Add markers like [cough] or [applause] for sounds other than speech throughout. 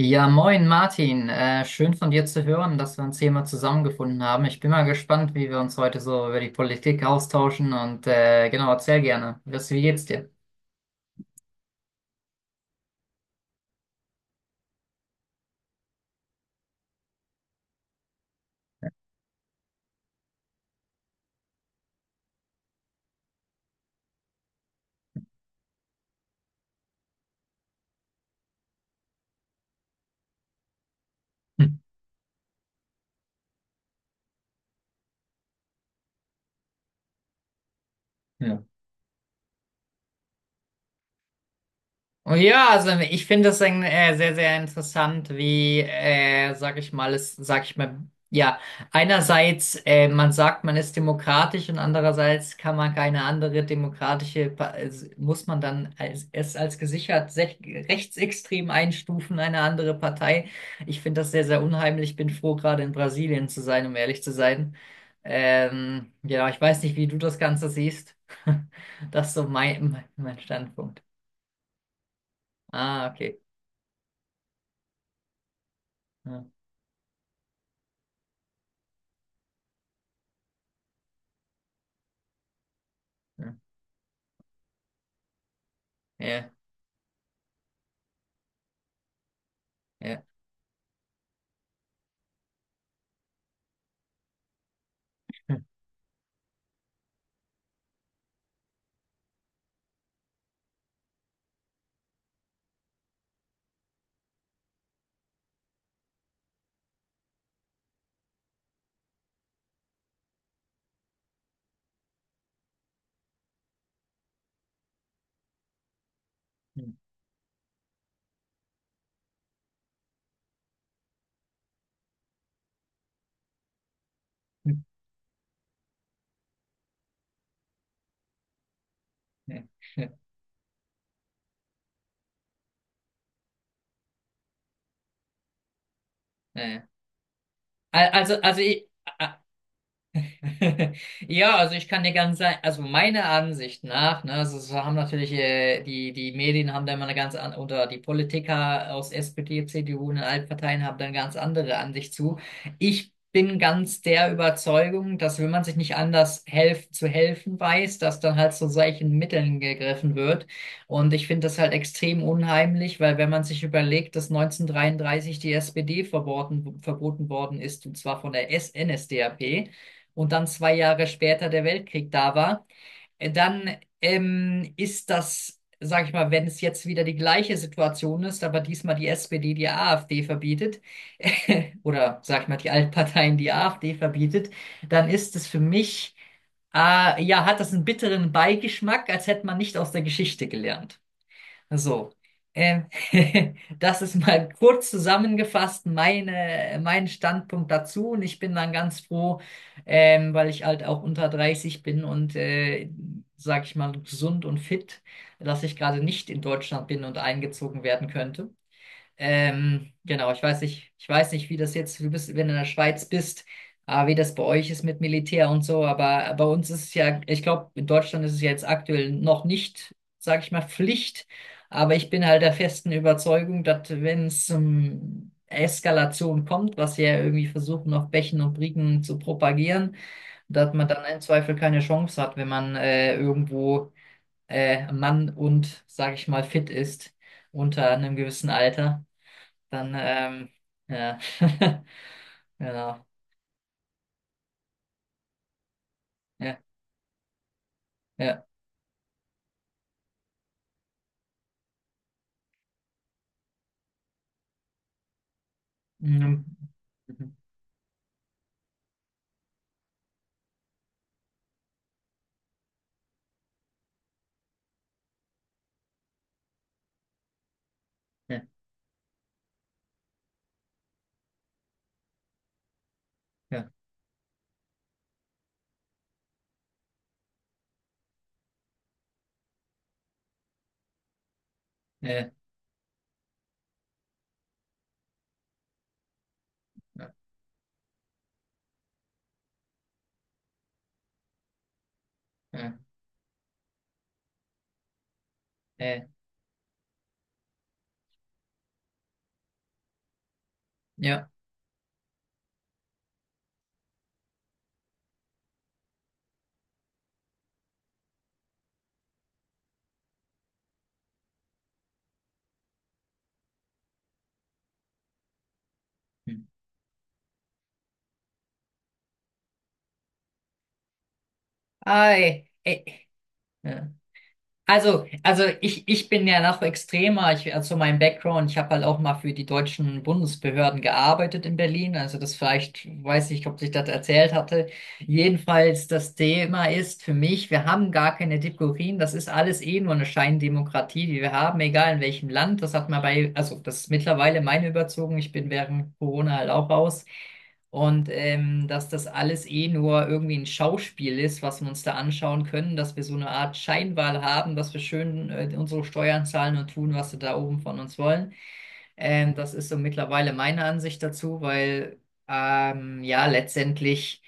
Ja, moin Martin. Schön von dir zu hören, dass wir uns hier mal zusammengefunden haben. Ich bin mal gespannt, wie wir uns heute so über die Politik austauschen und genau, erzähl gerne. Wie geht's dir? Hm. Ja. Oh ja, also ich finde es sehr, sehr interessant, sag ich mal, es, sag ich mal, ja, einerseits, man sagt, man ist demokratisch und andererseits kann man keine andere also muss man dann es als rechtsextrem einstufen, eine andere Partei. Ich finde das sehr, sehr unheimlich. Ich bin froh, gerade in Brasilien zu sein, um ehrlich zu sein. Ja, ich weiß nicht, wie du das Ganze siehst. [laughs] Das ist so mein Standpunkt. Ah, okay. Ja, ja, ja, ja. [laughs] Ja. Also, also ich, [laughs] ja, also ich kann dir ganz sagen, also meiner Ansicht nach, ne, also es haben natürlich die, die Medien haben da immer eine ganz andere, oder die Politiker aus SPD, CDU und den Altparteien haben da eine ganz andere Ansicht zu. Ich bin ganz der Überzeugung, dass wenn man sich nicht anders helfen weiß, dass dann halt zu solchen Mitteln gegriffen wird. Und ich finde das halt extrem unheimlich, weil wenn man sich überlegt, dass 1933 die SPD verboten worden ist, und zwar von der NSDAP, und dann zwei Jahre später der Weltkrieg da war, dann ist das, sag ich mal, wenn es jetzt wieder die gleiche Situation ist, aber diesmal die SPD die AfD verbietet, [laughs] oder sag ich mal, die Altparteien die AfD verbietet, dann ist es für mich, ja, hat das einen bitteren Beigeschmack, als hätte man nicht aus der Geschichte gelernt. So, ähm, [laughs] das ist mal kurz zusammengefasst mein Standpunkt dazu. Und ich bin dann ganz froh, weil ich halt auch unter 30 bin sag ich mal, gesund und fit, dass ich gerade nicht in Deutschland bin und eingezogen werden könnte. Genau, ich weiß nicht, du bist, wenn du in der Schweiz bist, ah, wie das bei euch ist mit Militär und so, aber bei uns ist es ja, ich glaube, in Deutschland ist es ja jetzt aktuell noch nicht, sag ich mal, Pflicht, aber ich bin halt der festen Überzeugung, dass wenn es Eskalation kommt, was sie ja irgendwie versuchen, auf Bächen und Brücken zu propagieren, dass man dann im Zweifel keine Chance hat, wenn man irgendwo Mann und, sag ich mal, fit ist unter einem gewissen Alter. Dann, ja, [laughs] genau, ja, ja, mhm, mhm, ja, ja, ja, ja, ja, ja, ja, hm, ei, ey, ja. Ich bin ja noch extremer. Ich, also mein Background, ich habe halt auch mal für die deutschen Bundesbehörden gearbeitet in Berlin. Also das vielleicht, weiß ich, ob ich das erzählt hatte. Jedenfalls, das Thema ist für mich, wir haben gar keine Demokratien. Das ist alles eh nur eine Scheindemokratie, die wir haben, egal in welchem Land. Das hat man bei, also das ist mittlerweile meine Überzeugung. Ich bin während Corona halt auch raus. Und dass das alles eh nur irgendwie ein Schauspiel ist, was wir uns da anschauen können, dass wir so eine Art Scheinwahl haben, dass wir schön unsere Steuern zahlen und tun, was sie da oben von uns wollen. Das ist so mittlerweile meine Ansicht dazu, weil ja letztendlich.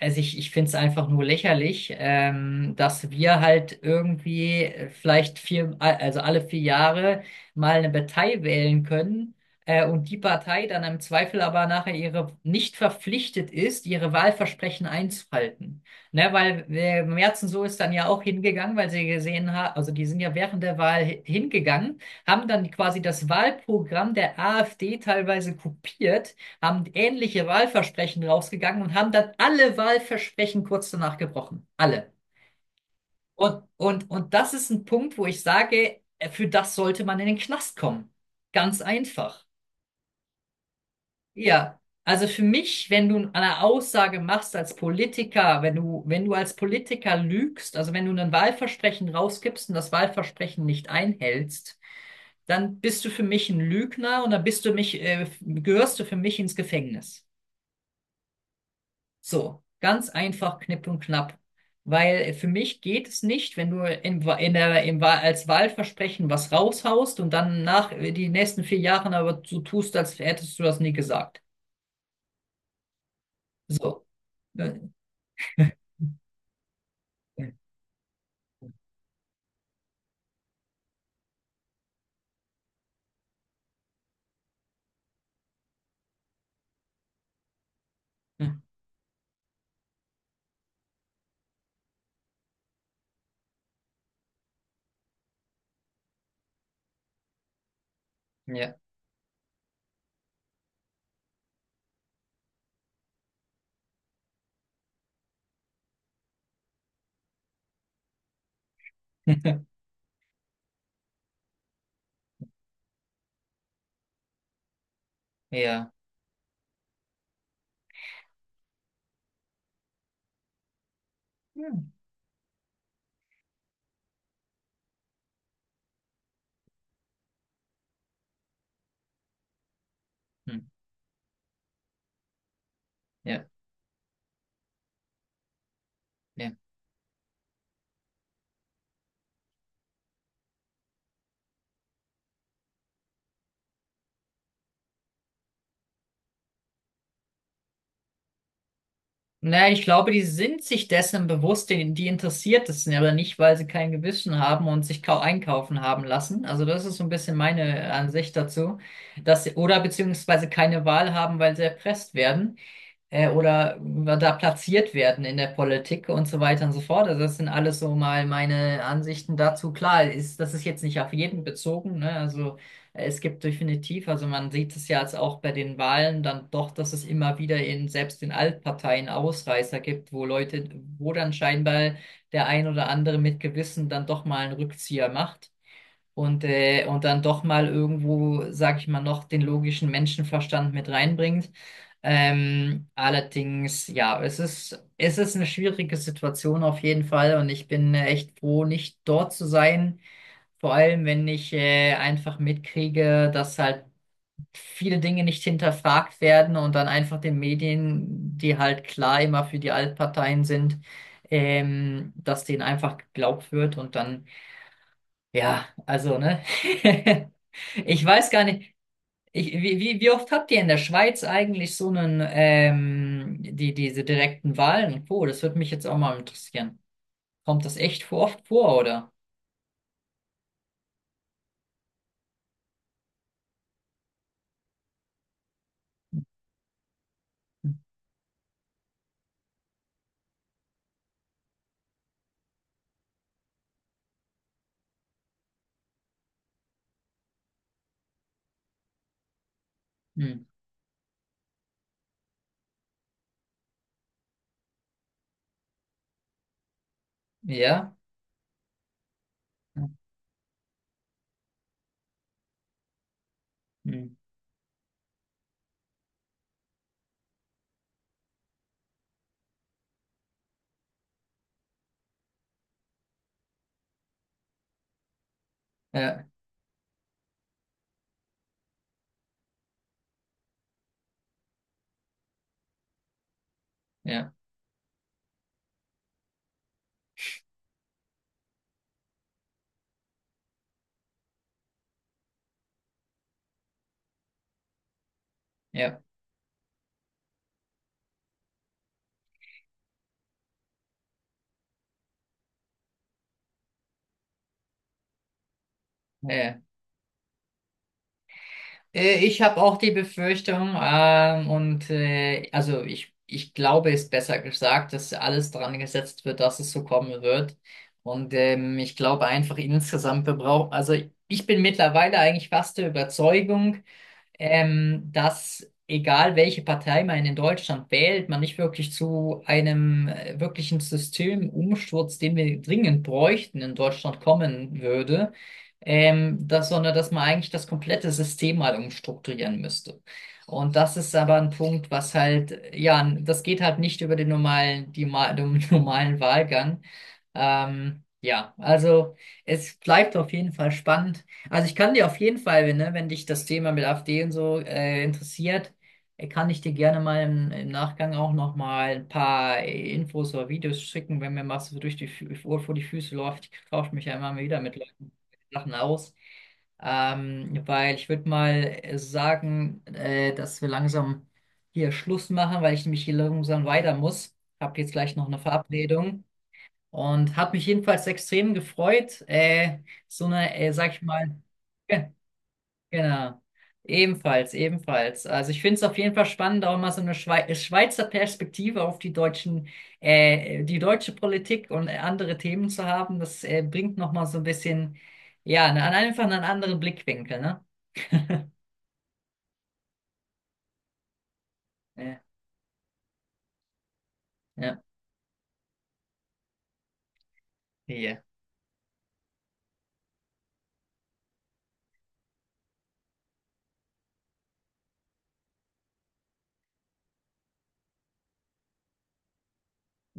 Ich finde es einfach nur lächerlich, dass wir halt irgendwie also alle 4 Jahre mal eine Partei wählen können, und die Partei dann im Zweifel aber nachher ihre nicht verpflichtet ist, ihre Wahlversprechen einzuhalten. Ne, weil Merzen so ist dann ja auch hingegangen, weil sie gesehen haben, also die sind ja während der Wahl hingegangen, haben dann quasi das Wahlprogramm der AfD teilweise kopiert, haben ähnliche Wahlversprechen rausgegangen und haben dann alle Wahlversprechen kurz danach gebrochen. Alle. Und das ist ein Punkt, wo ich sage, für das sollte man in den Knast kommen. Ganz einfach. Ja. Also für mich, wenn du eine Aussage machst als Politiker, wenn du als Politiker lügst, also wenn du ein Wahlversprechen rausgibst und das Wahlversprechen nicht einhältst, dann bist du für mich ein Lügner und dann bist gehörst du für mich ins Gefängnis. So, ganz einfach, knipp und knapp. Weil für mich geht es nicht, wenn du im, Wa- in der, im, Wa- als Wahlversprechen was raushaust und dann nach die nächsten 4 Jahren aber so tust, als hättest du das nie gesagt. So. Äh, äh, Ja. Ja. [laughs] Ja. Hm. Ja. Naja, ich glaube, die sind sich dessen bewusst, die, die interessiert es ja aber nicht, weil sie kein Gewissen haben und sich kau einkaufen haben lassen. Also das ist so ein bisschen meine Ansicht dazu, dass sie, oder beziehungsweise keine Wahl haben, weil sie erpresst werden oder da platziert werden in der Politik und so weiter und so fort. Also das sind alles so mal meine Ansichten dazu. Das ist jetzt nicht auf jeden bezogen, ne? Also es gibt definitiv, also man sieht es ja jetzt auch bei den Wahlen dann doch, dass es immer wieder in selbst in Altparteien Ausreißer gibt, wo Leute, wo dann scheinbar der ein oder andere mit Gewissen dann doch mal einen Rückzieher macht und dann doch mal irgendwo, sag ich mal, noch den logischen Menschenverstand mit reinbringt. Allerdings, ja, es ist eine schwierige Situation auf jeden Fall und ich bin echt froh, nicht dort zu sein. Vor allem, wenn ich einfach mitkriege, dass halt viele Dinge nicht hinterfragt werden und dann einfach den Medien, die halt klar immer für die Altparteien sind, dass denen einfach geglaubt wird und dann ja, also, ne? [laughs] Ich weiß gar nicht, ich, wie, wie, wie oft habt ihr in der Schweiz eigentlich so einen, diese direkten Wahlen und Co.? Das würde mich jetzt auch mal interessieren. Kommt das echt oft vor, oder? Hm. Hm. Ja? Hm. Hm. Ja, ja, ja, ja. Ich habe auch die Befürchtung, ich glaube, ist besser gesagt, dass alles dran gesetzt wird, dass es so kommen wird. Und ich glaube einfach insgesamt, wir brauchen, also ich bin mittlerweile eigentlich fast der Überzeugung, dass egal welche Partei man in Deutschland wählt, man nicht wirklich zu einem wirklichen Systemumsturz, den wir dringend bräuchten, in Deutschland kommen würde, sondern dass man eigentlich das komplette System mal umstrukturieren müsste. Und das ist aber ein Punkt, was halt, ja, das geht halt nicht über den [laughs] den normalen Wahlgang. Ja, also es bleibt auf jeden Fall spannend. Also ich kann dir auf jeden Fall, wenn, ne, wenn dich das Thema mit AfD und so interessiert, kann ich dir gerne mal im Nachgang auch noch mal ein paar Infos oder Videos schicken, wenn mir mal so durch die Ohr vor die Füße läuft. Ich tausche mich ja immer wieder mit Leuten, Sachen aus. Weil ich würde mal sagen, dass wir langsam hier Schluss machen, weil ich nämlich hier langsam weiter muss. Hab jetzt gleich noch eine Verabredung. Und hat mich jedenfalls extrem gefreut. So eine, sag ich mal, ge- genau. Ebenfalls, ebenfalls. Also ich finde es auf jeden Fall spannend, auch mal so eine Schweizer Perspektive auf die deutsche Politik und andere Themen zu haben. Das bringt nochmal so ein bisschen, ja, einfach einen anderen Blickwinkel, ne? Ja, ja. Ja.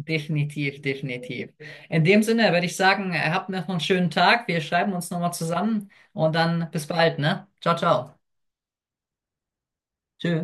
Definitiv, definitiv. In dem Sinne würde ich sagen, habt noch einen schönen Tag. Wir schreiben uns nochmal zusammen und dann bis bald, ne? Ciao, ciao. Tschö.